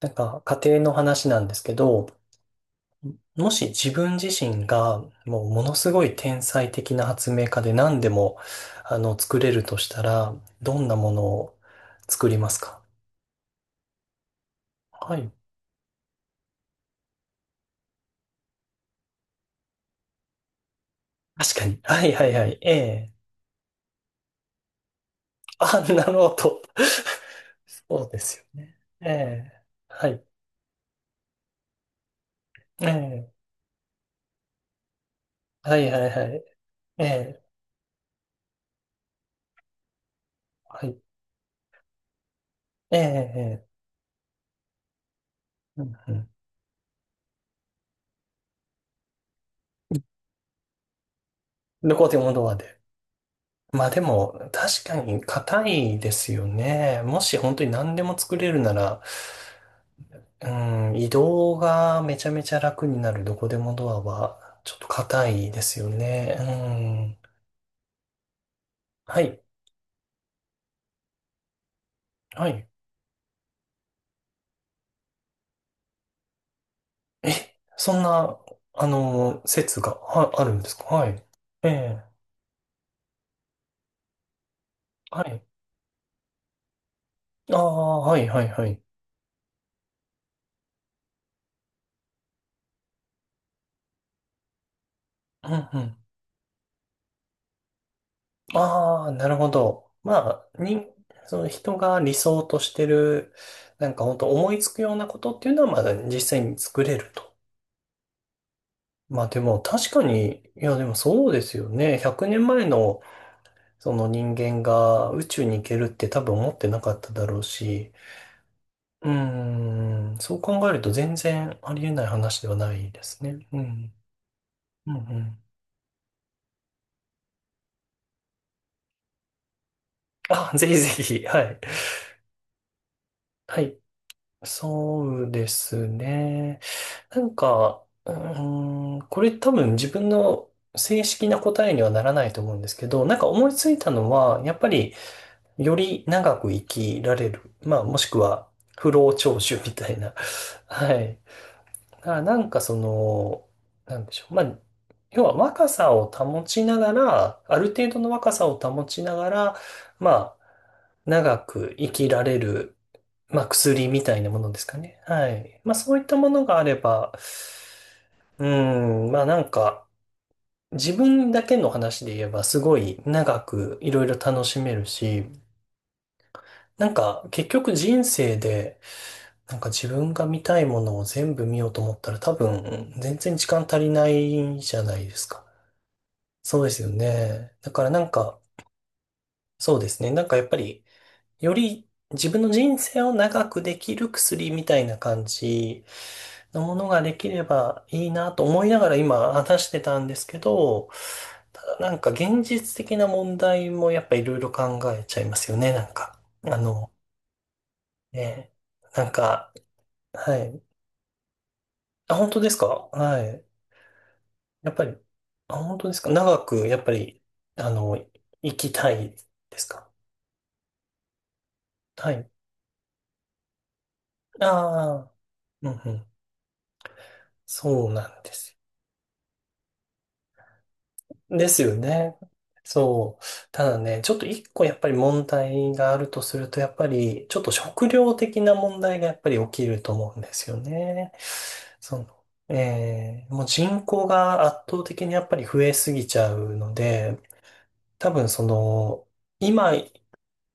なんか家庭の話なんですけど、もし自分自身がもうものすごい天才的な発明家で何でも作れるとしたら、どんなものを作りますか？はい。確かに。はいはいはい。ええ。あ、なるほど。そうですよね。ええ。はい。ええ。はいはいはい。ええ。はい。ええ。ええ。うんうん。どこでもドアで。まあでも、確かに硬いですよね。もし本当に何でも作れるなら、うん、移動がめちゃめちゃ楽になるどこでもドアは、ちょっと硬いですよね。うん。はい。はい。え、そんな、は、あるんですか？はい。ええ。はい。ああ、はい、はい、はい。うん、うん。ああ、なるほど。まあ、その人が理想としてる、なんか本当思いつくようなことっていうのは、まだ実際に作れると。まあでも確かに、いやでもそうですよね。100年前のその人間が宇宙に行けるって多分思ってなかっただろうし、うーん、そう考えると全然ありえない話ではないですね。うん。うんうん。あ、ぜひぜひ。はい。はい。そうですね。なんか、うーん、これ多分自分の正式な答えにはならないと思うんですけど、なんか思いついたのは、やっぱりより長く生きられる。まあもしくは不老長寿みたいな。はい。だからなんかその、なんでしょう。まあ、要は若さを保ちながら、ある程度の若さを保ちながら、まあ、長く生きられる、まあ、薬みたいなものですかね。はい。まあ、そういったものがあれば、うん、まあなんか、自分だけの話で言えばすごい長くいろいろ楽しめるし、なんか結局人生で、なんか自分が見たいものを全部見ようと思ったら多分全然時間足りないじゃないですか。そうですよね。だからなんか、そうですね。なんかやっぱり、より自分の人生を長くできる薬みたいな感じのものができればいいなと思いながら今話してたんですけど、ただなんか現実的な問題もやっぱいろいろ考えちゃいますよね、なんか。ね、なんか、はい。あ、本当ですか？はい。やっぱり、あ、本当ですか？長く、やっぱり、あの、生きたいですか？はい。ああ、うんうん。そうなんですよ。ですよね。そう。ただね、ちょっと一個やっぱり問題があるとすると、やっぱりちょっと食料的な問題がやっぱり起きると思うんですよね。その、もう人口が圧倒的にやっぱり増えすぎちゃうので、多分その、今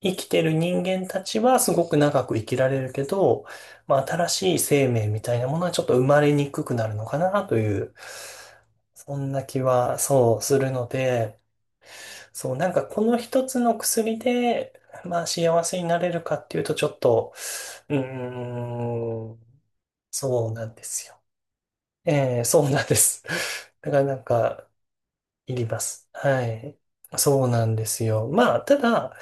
生きてる人間たちはすごく長く生きられるけど、まあ、新しい生命みたいなものはちょっと生まれにくくなるのかなという、そんな気はそうするので、そう、なんかこの一つの薬で、まあ幸せになれるかっていうとちょっと、うーん、そうなんですよ。ええ、そうなんです。だからなんか、いります。はい。そうなんですよ。まあ、ただ、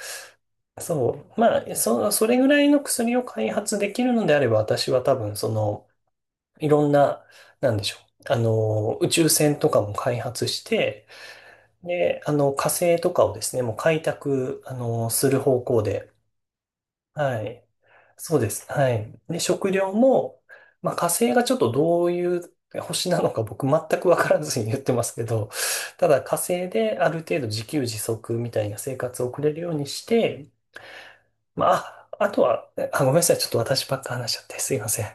そう、まあ、それぐらいの薬を開発できるのであれば、私は多分、その、いろんな、なんでしょう。宇宙船とかも開発して、で、火星とかをですね、もう開拓、する方向で、はい。そうです。はい。で、食料も、まあ、火星がちょっとどういう星なのか僕全くわからずに言ってますけど、ただ火星である程度自給自足みたいな生活を送れるようにして、まあ、ああとは、あ、ごめんなさい。ちょっと私ばっか話しちゃってすいません。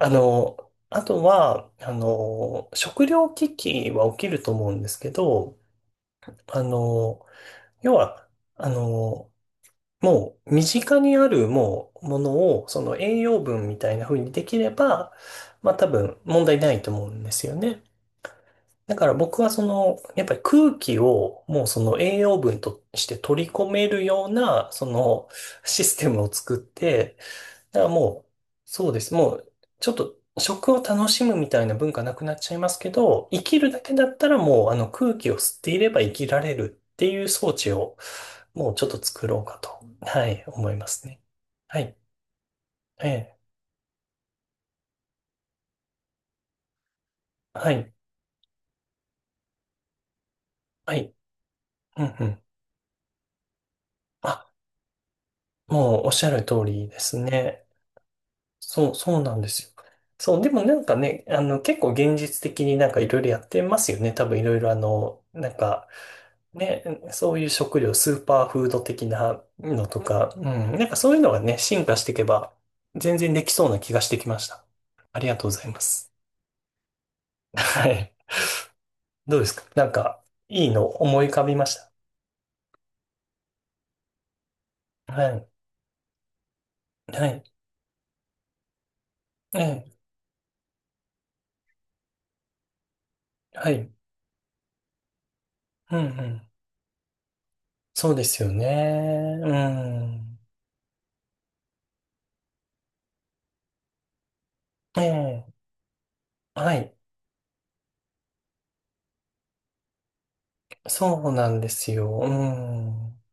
あの、あとは、食料危機は起きると思うんですけど、あの、要は、あの、もう身近にあるもうものをその栄養分みたいな風にできれば、まあ多分問題ないと思うんですよね。だから僕はその、やっぱり空気をもうその栄養分として取り込めるような、そのシステムを作って、だからもう、そうです。もう、ちょっと食を楽しむみたいな文化なくなっちゃいますけど、生きるだけだったらもう、空気を吸っていれば生きられるっていう装置を、もうちょっと作ろうかと、はい、思いますね。はい、ええ、はい、はい、うんうん。あ、もうおっしゃる通りですね。そう、そうなんですよ。そう、でもなんかね、結構現実的になんかいろいろやってますよね。多分いろいろなんか、ね、そういう食料、スーパーフード的なのとか、うん、なんかそういうのがね、進化していけば、全然できそうな気がしてきました。ありがとうございます。はい。どうですか？なんか、いいの思い浮かびました？はい。はい。ええ。はい。うんうん。そうですよね。うん。ええ。はい。そうなんですよ。うん。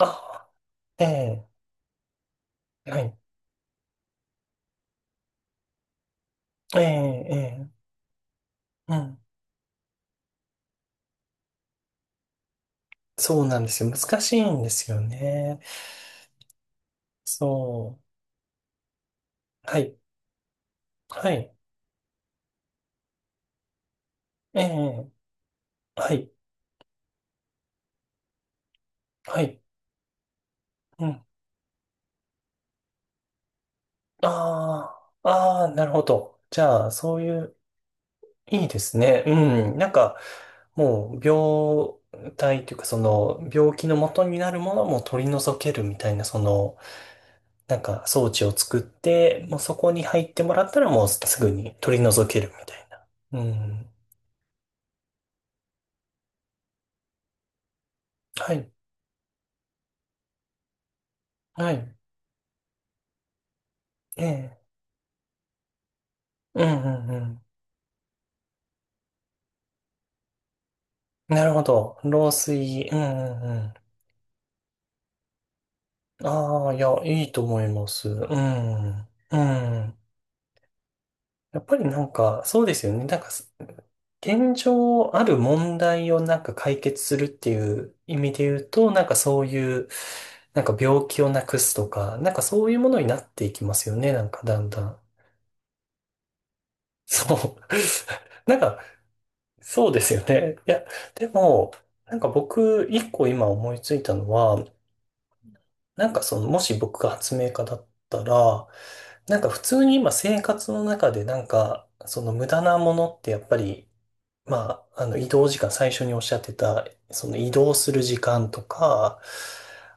あ、ええ、はい。ええ、ええ、うん。そうなんですよ。難しいんですよね。そう。はい。はい。ええ、はい。はい。うん。ああ、ああ、なるほど。じゃあ、そういう、いいですね。うん。なんか、もう、病態というか、その、病気の元になるものも取り除けるみたいな、その、なんか装置を作って、もうそこに入ってもらったらもうすぐに取り除けるみたいな。うん。はい。はい。ええ。うんうんうん。なるほど。漏水。うんうんうん。ああ、いや、いいと思います。うん。うん。やっぱりなんか、そうですよね。なんか、現状ある問題をなんか解決するっていう意味で言うと、なんかそういう、なんか病気をなくすとか、なんかそういうものになっていきますよね。なんかだんだん。そう。なんか、そうですよね。いや、でも、なんか僕、一個今思いついたのは、なんかその、もし僕が発明家だったら、なんか普通に今生活の中でなんか、その無駄なものってやっぱりまあ、移動時間、最初におっしゃってた、その移動する時間とか、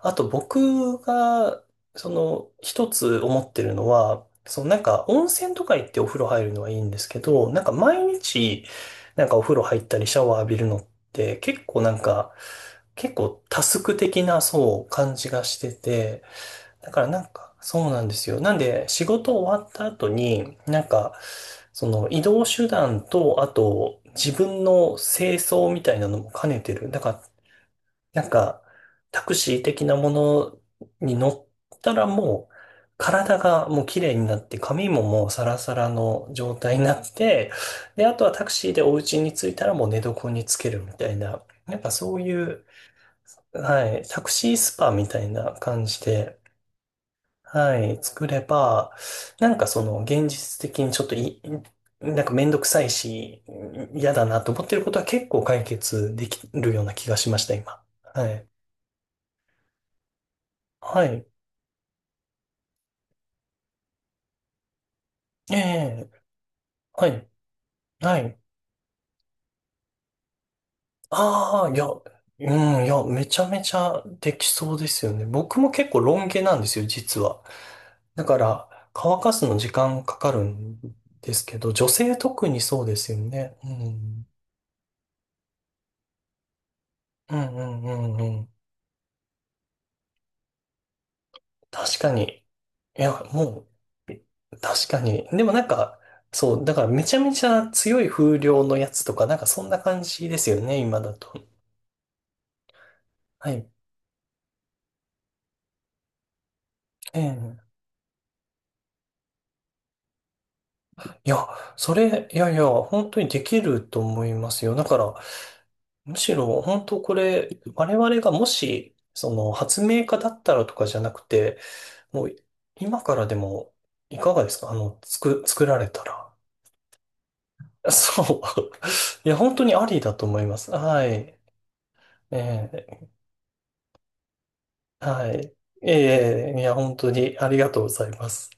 あと僕が、その一つ思ってるのは、そのなんか温泉とか行ってお風呂入るのはいいんですけど、なんか毎日、なんかお風呂入ったりシャワー浴びるのって結構なんか、結構タスク的なそう感じがしてて、だからなんか、そうなんですよ。なんで、仕事終わった後に、なんか、その移動手段と、あと、自分の清掃みたいなのも兼ねてる。だから、なんか、タクシー的なものに乗ったらもう、体がもう綺麗になって、髪ももうサラサラの状態になって、で、あとはタクシーでお家に着いたらもう寝床につけるみたいな、なんかそういう、はい、タクシースパみたいな感じで、はい、作れば、なんかその現実的にちょっとい、なんかめんどくさいし、嫌だなと思ってることは結構解決できるような気がしました、今。はい。はい。ええ、はい。はい。ああ、いや、うん、いや、めちゃめちゃできそうですよね。僕も結構ロン毛なんですよ、実は。だから、乾かすの時間かかるんですけど、女性特にそうですよね。うん。うんうんうんうん。確かに。いや、もう、確かに。でもなんか、そう、だからめちゃめちゃ強い風量のやつとか、なんかそんな感じですよね、今だと。はい。ええ。いや、それ、いやいや、本当にできると思いますよ。だから、むしろ、本当これ、我々がもし、その、発明家だったらとかじゃなくて、もう、今からでも、いかがですか？作られたら。そう。いや、本当にありだと思います。はい。ええ。はい。ええ、いや、本当にありがとうございます。